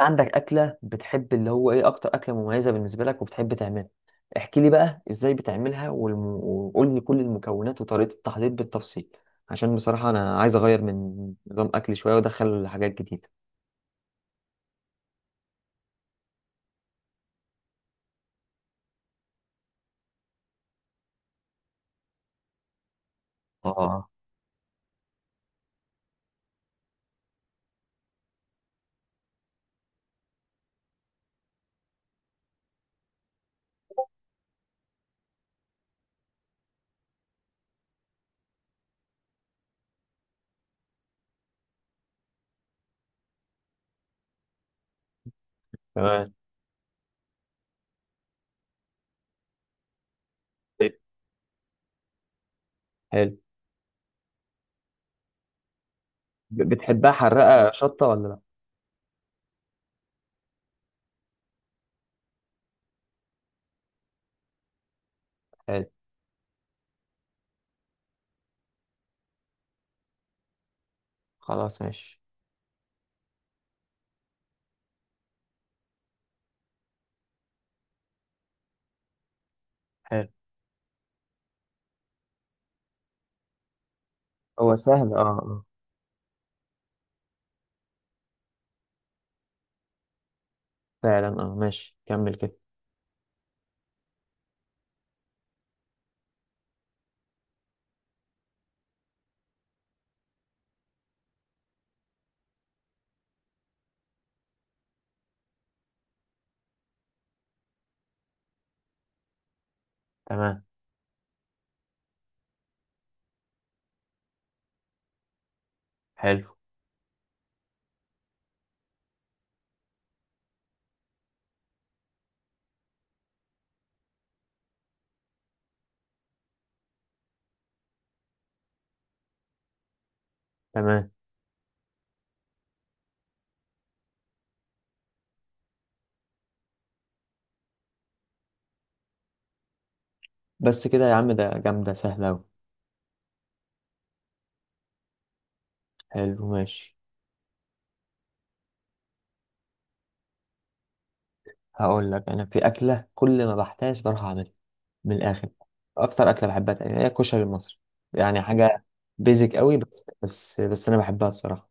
عندك أكلة بتحب اللي هو إيه أكتر أكلة مميزة بالنسبة لك وبتحب تعملها. احكي لي بقى إزاي بتعملها وقول لي كل المكونات وطريقة التحضير بالتفصيل. عشان بصراحة أنا عايز أغير من نظام أكلي شوية وأدخل حاجات جديدة. اه. تمام. حلو. بتحبها حرقة شطة ولا لأ؟ حلو. خلاص ماشي. حلو. هو سهل، أه أه، فعلا. أه ماشي كمل كده. تمام. حلو. تمام. بس كده يا عم؟ ده جامدة سهلة أوي. حلو ماشي. هقول لك، انا في اكله كل ما بحتاج بروح اعملها. من الاخر، اكتر اكله بحبها تقريبا هي الكشري المصري. يعني حاجه بيزك قوي، بس انا بحبها الصراحه.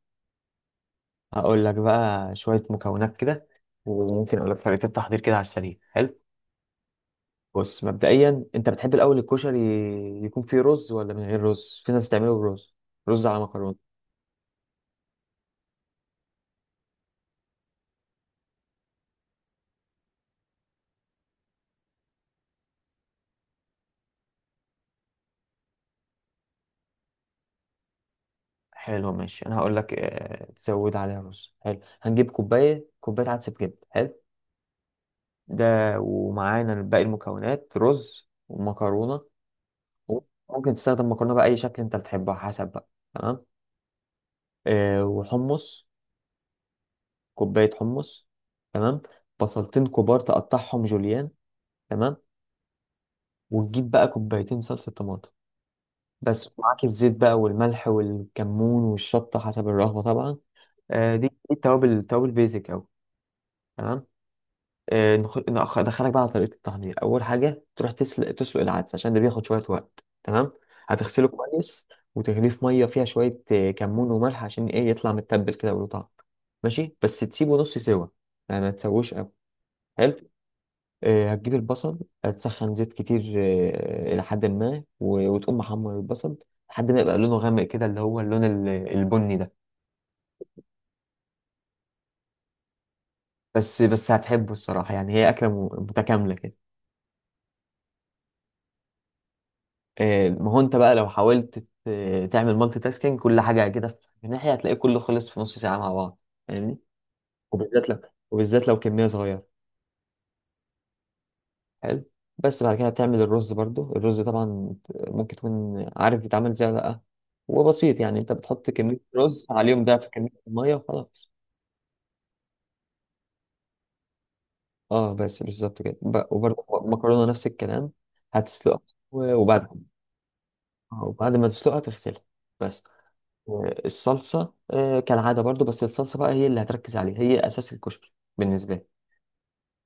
هقول لك بقى شويه مكونات كده، وممكن اقول لك طريقه التحضير كده على السريع. حلو. بص مبدئيا، انت بتحب الاول الكشري يكون فيه رز ولا من غير رز؟ في ناس بتعمله برز، رز على مكرونه. حلو ماشي. انا هقول لك، تزود عليها رز. حلو، هنجيب كوبايه كوبايه عدس بجد. حلو. ده، ومعانا باقي المكونات، رز ومكرونة. ممكن تستخدم مكرونة بأي شكل أنت بتحبها، حسب بقى. تمام. آه، وحمص. كوباية حمص. تمام. بصلتين كبار تقطعهم جوليان. تمام. وتجيب بقى كوبايتين صلصة طماطم. بس معاك الزيت بقى والملح والكمون والشطة حسب الرغبة طبعا. آه، دي التوابل. التوابل بيزك أوي. تمام. ادخلك بقى على طريقه التحضير. اول حاجه تروح تسلق العدس عشان ده بياخد شويه وقت. تمام. هتغسله كويس، وتغليه في ميه فيها شويه كمون وملح، عشان ايه؟ يطلع متبل كده وله طعم. ماشي، بس تسيبه نص سوا، يعني ما تسويش قوي. حلو. هتجيب البصل. هتسخن زيت كتير الى حد ما، وتقوم محمر البصل لحد ما يبقى لونه غامق كده، اللي هو اللون البني ده. بس هتحبه الصراحه، يعني هي اكله متكامله كده. ما هو انت بقى لو حاولت تعمل مالتي تاسكينج، كل حاجه كده في ناحيه، هتلاقي كله خلص في نص ساعه مع بعض. فاهمني؟ وبالذات لو، كميه صغيره. حلو. بس بعد كده هتعمل الرز، برضو الرز طبعا. ممكن تكون عارف بيتعمل ازاي ولا لا؟ هو بسيط، يعني انت بتحط كميه رز عليهم ضعف كميه الميه وخلاص. اه، بس بالظبط كده. وبرضو مكرونه نفس الكلام. هتسلقها، وبعد وبعد ما تسلقها تغسلها، بس. الصلصة كالعادة برضو. بس الصلصة بقى هي اللي هتركز عليها، هي أساس الكشري بالنسبة لي.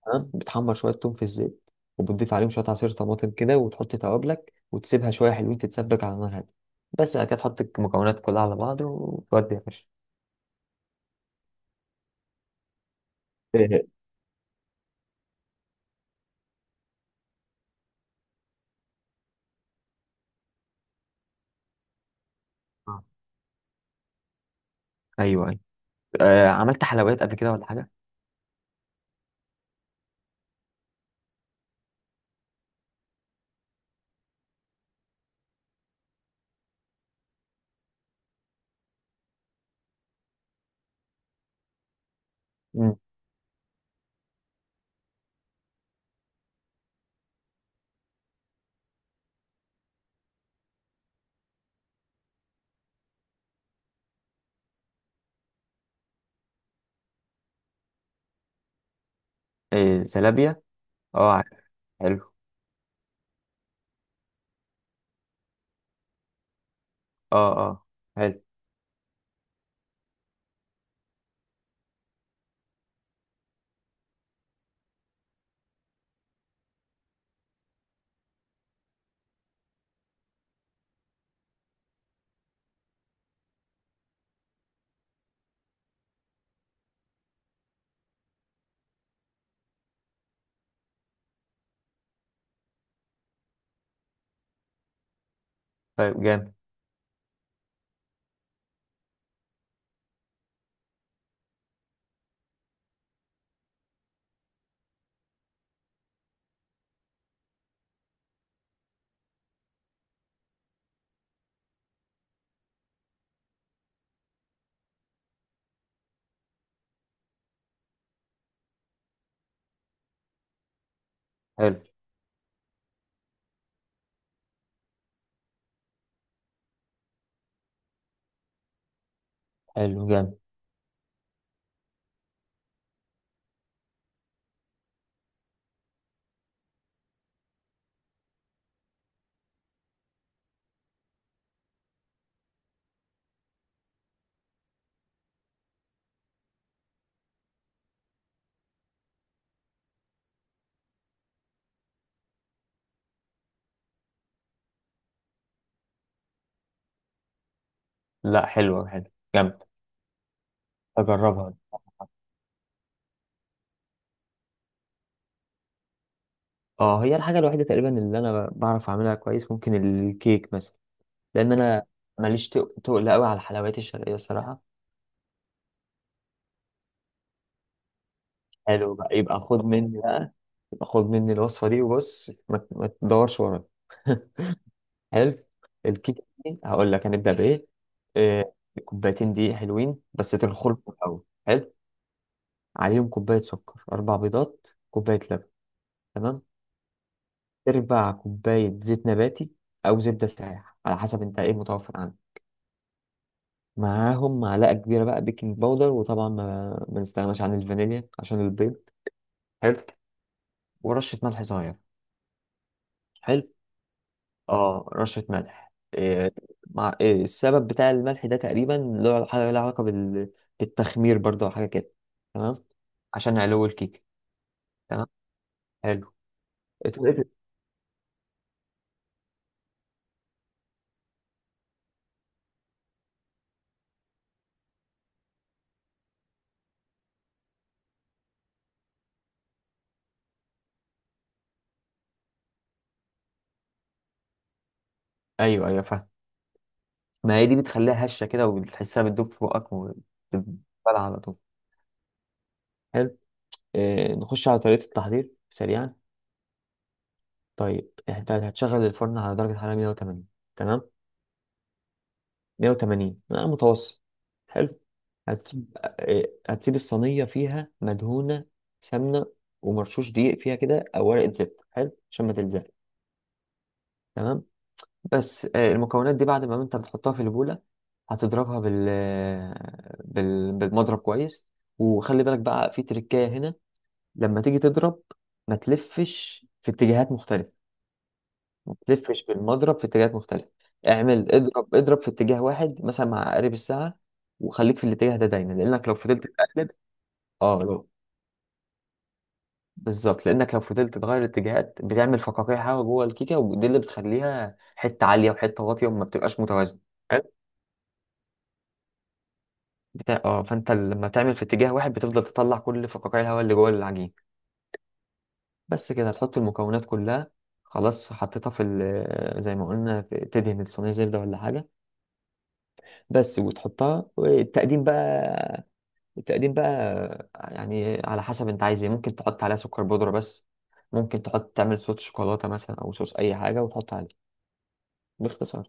تمام، بتحمر شوية توم في الزيت، وبتضيف عليهم شوية عصير طماطم كده، وتحط توابلك وتسيبها شوية حلوين تتسبك على نار هادية. بس بعد كده تحط المكونات كلها على بعض وتودي يا باشا. إيه. آه. أيوه أيوه. آه، عملت حلويات قبل كده ولا حاجة؟ مم. آه زلابية. أه عارف. حلو. أه أه. حلو. طيب جامد. حلو. حلو. جامد. لا حلوة. حلو. جامد. أجربها. اه، هي الحاجة الوحيدة تقريبا اللي انا بعرف اعملها كويس، ممكن الكيك مثلا. لان انا ماليش تقل قوي على الحلويات الشرقية الصراحة. حلو بقى، يبقى خد مني بقى. يبقى خد مني الوصفة دي، وبص ما تدورش ورايا. حلو. الكيك دي، هقول لك هنبدأ بايه. آه، كوبايتين دقيق حلوين، بس تنخل في الاول. حلو. عليهم كوباية سكر، اربع بيضات، كوباية لبن. تمام. تربع كوباية زيت نباتي او زبدة سايحة، على حسب انت ايه متوفر عندك. معاهم معلقة كبيرة بقى بيكنج باودر. وطبعا ما نستغناش عن الفانيليا عشان البيض. حلو. ورشة ملح صغير. حلو. اه، رشة ملح. إيه؟ مع إيه السبب بتاع الملح ده؟ تقريبا له حاجة لها علاقة بالتخمير برضه، أو حاجة كده. تمام، عشان علو الكيك. تمام. حلو. اتوقف- ايوه ايوه فاهم. ما هي دي بتخليها هشة كده، وبتحسها بتدوب في بقك وبتبلع على طول. حلو. إيه، نخش على طريقة التحضير سريعا؟ طيب انت هتشغل الفرن على درجة حرارة 180. تمام. 180 متوسط. حلو. هتسيب الصينية فيها مدهونة سمنة، ومرشوش دقيق فيها كده، أو ورقة زبدة. حلو عشان ما تلزق. تمام. بس المكونات دي بعد ما أنت بتحطها في البولة، هتضربها بالمضرب كويس. وخلي بالك بقى في تركاية هنا. لما تيجي تضرب، ما تلفش في اتجاهات مختلفة، تلفش بالمضرب في اتجاهات مختلفة. اعمل اضرب اضرب في اتجاه واحد، مثلا مع عقارب الساعة. وخليك في الاتجاه ده دايما، لأنك لو فضلت تقلب، اه لو بالظبط، لأنك لو فضلت تغير اتجاهات بتعمل فقاقيع هوا جوه الكيكة، ودي اللي بتخليها حتة عالية وحتة واطية وما بتبقاش متوازنة. حلو؟ بتاع اه، فانت لما تعمل في اتجاه واحد بتفضل تطلع كل فقاقيع الهواء اللي جوه العجين. بس كده هتحط المكونات كلها. خلاص حطيتها في زي ما قلنا. تدهن الصينية زبدة ولا حاجة بس، وتحطها. والتقديم بقى، التقديم بقى يعني على حسب انت عايز ايه. ممكن تحط عليها سكر بودرة بس. ممكن تحط، تعمل صوص شوكولاتة مثلا، او صوص اي حاجة وتحط عليه. باختصار.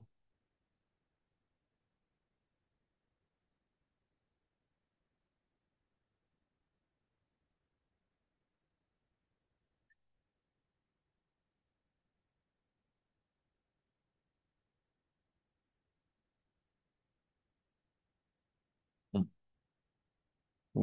مم.